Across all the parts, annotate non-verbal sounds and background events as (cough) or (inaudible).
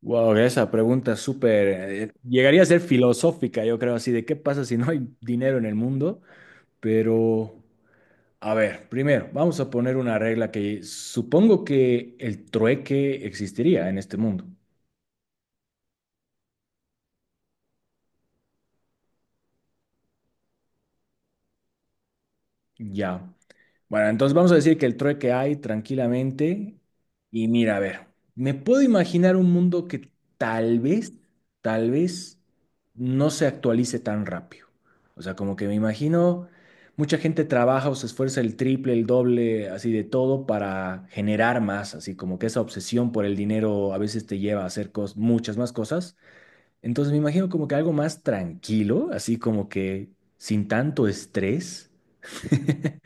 Wow, esa pregunta es súper, llegaría a ser filosófica, yo creo, así de qué pasa si no hay dinero en el mundo. Pero a ver, primero, vamos a poner una regla que supongo que el trueque existiría en este mundo, ya. Bueno, entonces vamos a decir que el trueque hay tranquilamente. Y mira, a ver, me puedo imaginar un mundo que tal vez, tal vez no se actualice tan rápido. O sea, como que me imagino, mucha gente trabaja o se esfuerza el triple, el doble, así de todo para generar más, así como que esa obsesión por el dinero a veces te lleva a hacer muchas más cosas. Entonces me imagino como que algo más tranquilo, así como que sin tanto estrés. (laughs)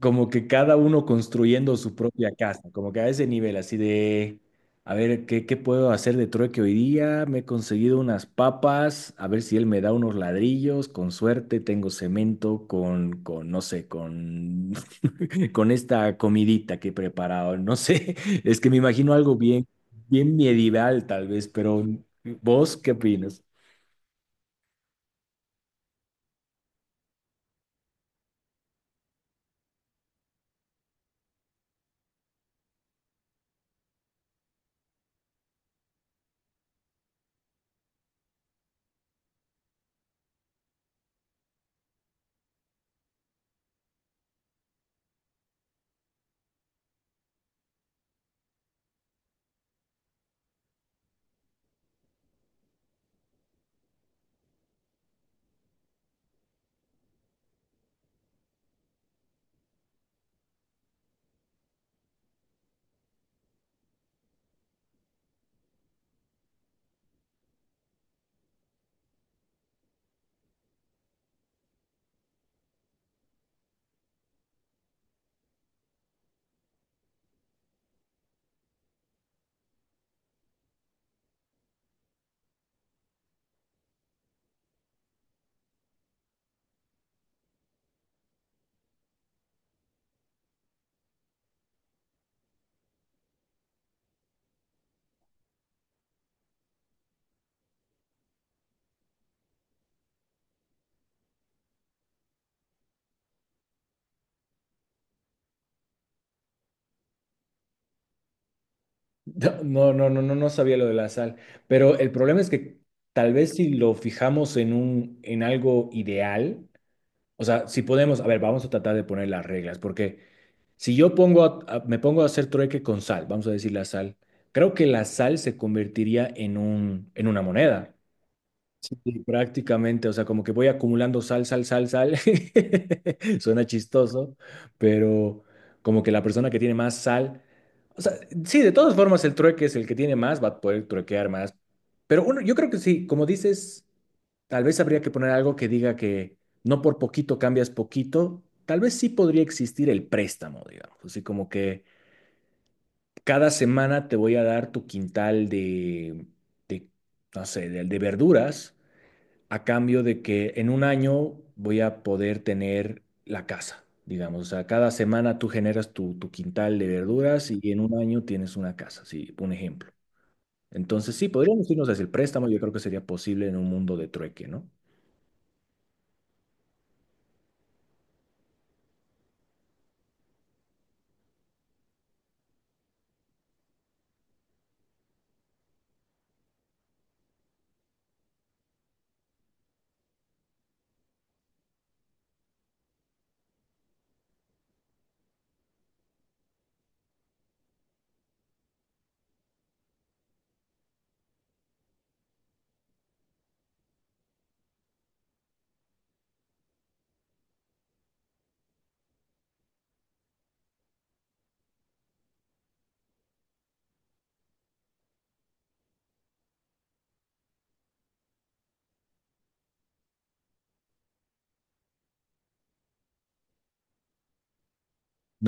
Como que cada uno construyendo su propia casa, como que a ese nivel, así de, a ver, ¿qué, qué puedo hacer de trueque hoy día? Me he conseguido unas papas, a ver si él me da unos ladrillos, con suerte tengo cemento con no sé, con, (laughs) con esta comidita que he preparado, no sé, (laughs) es que me imagino algo bien, bien medieval tal vez, pero ¿vos qué opinas? No, no, no, no, no sabía lo de la sal, pero el problema es que tal vez si lo fijamos en en algo ideal, o sea, si podemos, a ver, vamos a tratar de poner las reglas, porque si yo pongo, me pongo a hacer trueque con sal, vamos a decir la sal, creo que la sal se convertiría en en una moneda. Prácticamente, o sea, como que voy acumulando sal, sal, sal, sal. (laughs) Suena chistoso, pero como que la persona que tiene más sal, o sea, sí, de todas formas el trueque es el que tiene más, va a poder truequear más. Pero uno, yo creo que sí, como dices, tal vez habría que poner algo que diga que no por poquito cambias poquito. Tal vez sí podría existir el préstamo, digamos, así como que cada semana te voy a dar tu quintal de, de no sé, de verduras a cambio de que en un año voy a poder tener la casa, digamos. O sea, cada semana tú generas tu, tu quintal de verduras y en un año tienes una casa, sí, un ejemplo. Entonces, sí, podríamos irnos hacia el préstamo, yo creo que sería posible en un mundo de trueque, ¿no?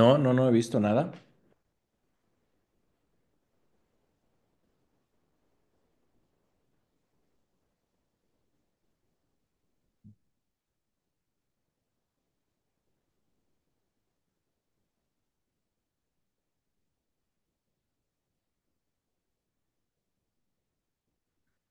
No, no, no he visto nada.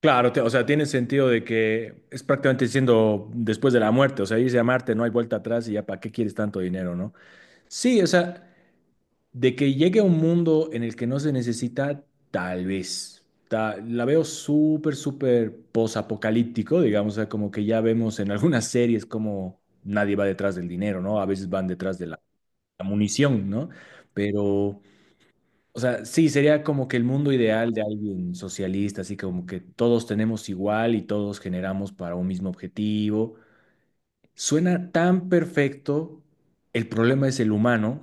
Claro, te- o sea, tiene sentido de que es prácticamente diciendo después de la muerte, o sea, irse a Marte, no hay vuelta atrás y ya para qué quieres tanto dinero, ¿no? Sí, o sea, de que llegue a un mundo en el que no se necesita, tal vez. Ta- la veo súper, súper posapocalíptico, digamos, o sea, como que ya vemos en algunas series como nadie va detrás del dinero, ¿no? A veces van detrás de la, la munición, ¿no? Pero, o sea, sí, sería como que el mundo ideal de alguien socialista, así como que todos tenemos igual y todos generamos para un mismo objetivo. Suena tan perfecto, el problema es el humano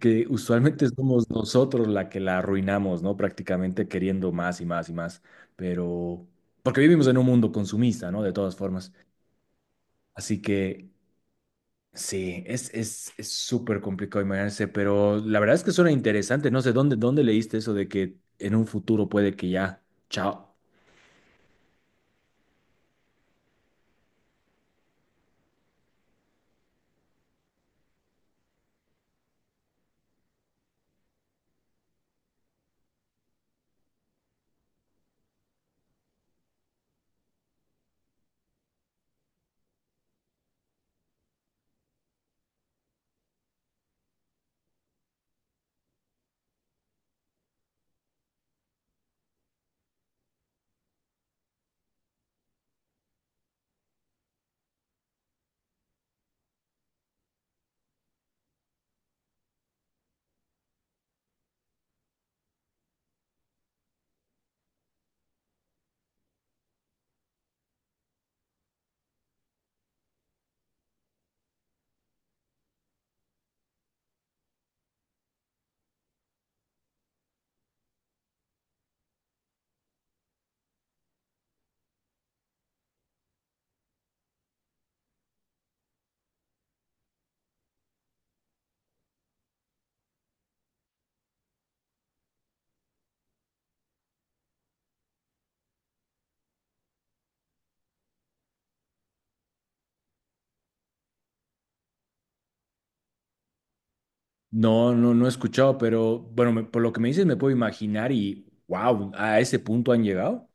que usualmente somos nosotros la que la arruinamos, ¿no? Prácticamente queriendo más y más y más, pero porque vivimos en un mundo consumista, ¿no? De todas formas. Así que sí, es es súper complicado imaginarse, pero la verdad es que suena interesante. No sé dónde leíste eso de que en un futuro puede que ya, chao. No, no, no he escuchado, pero bueno, me- por lo que me dices me puedo imaginar y wow, a ese punto han llegado.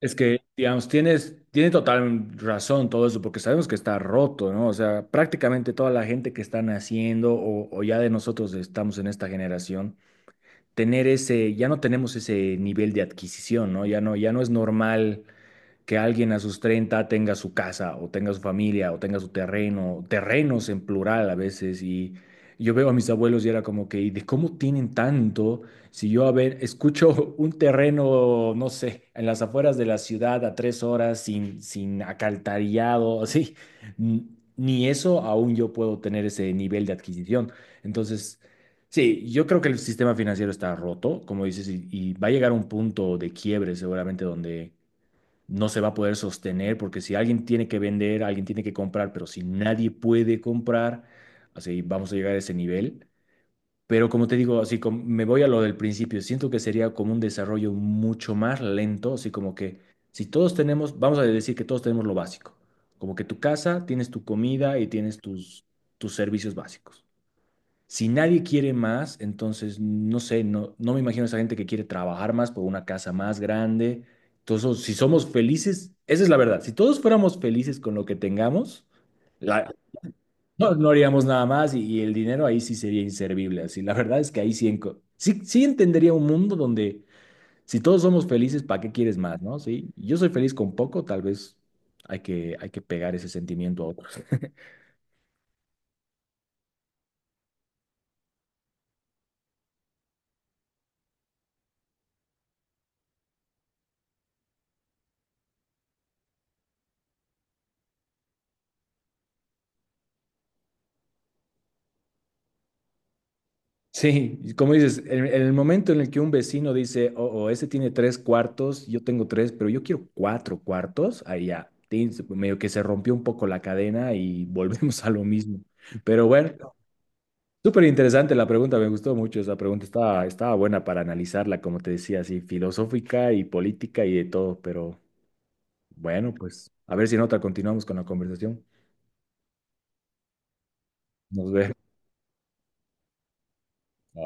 Es que, digamos, tiene total razón todo eso, porque sabemos que está roto, ¿no? O sea, prácticamente toda la gente que está naciendo o, ya de nosotros estamos en esta generación, tener ese, ya no tenemos ese nivel de adquisición, ¿no? Ya no, ya no es normal que alguien a sus 30 tenga su casa o tenga su familia o tenga su terreno, terrenos en plural a veces. Y yo veo a mis abuelos y era como que, ¿y de cómo tienen tanto? Si yo, a ver, escucho (laughs) un terreno, no sé, en las afueras de la ciudad a tres horas sin acaltarillado, (laughs) así, n- ni eso aún yo puedo tener ese nivel de adquisición. Entonces... Sí, yo creo que el sistema financiero está roto, como dices, y va a llegar un punto de quiebre seguramente donde no se va a poder sostener porque si alguien tiene que vender, alguien tiene que comprar, pero si nadie puede comprar, así vamos a llegar a ese nivel. Pero como te digo, así como me voy a lo del principio, siento que sería como un desarrollo mucho más lento, así como que si todos tenemos, vamos a decir que todos tenemos lo básico, como que tu casa, tienes tu comida y tienes tus, tus servicios básicos. Si nadie quiere más, entonces no sé, no, no me imagino a esa gente que quiere trabajar más por una casa más grande. Entonces, si somos felices, esa es la verdad. Si todos fuéramos felices con lo que tengamos, la- no, no haríamos nada más y el dinero ahí sí sería inservible. Así, la verdad es que ahí sí, enco- sí, sí entendería un mundo donde si todos somos felices, ¿para qué quieres más, no? Sí, yo soy feliz con poco, tal vez hay que pegar ese sentimiento a otros. Sí, como dices, en el momento en el que un vecino dice, oh, oh, ese tiene tres cuartos, yo tengo tres, pero yo quiero cuatro cuartos, ahí ya, tin, se- medio que se rompió un poco la cadena y (laughs) volvemos a lo mismo. Pero bueno, súper interesante la pregunta, me gustó mucho esa pregunta, estaba buena para analizarla, como te decía, así filosófica y política y de todo, pero bueno, pues a ver si en otra continuamos con la conversación. Nos vemos. (laughs)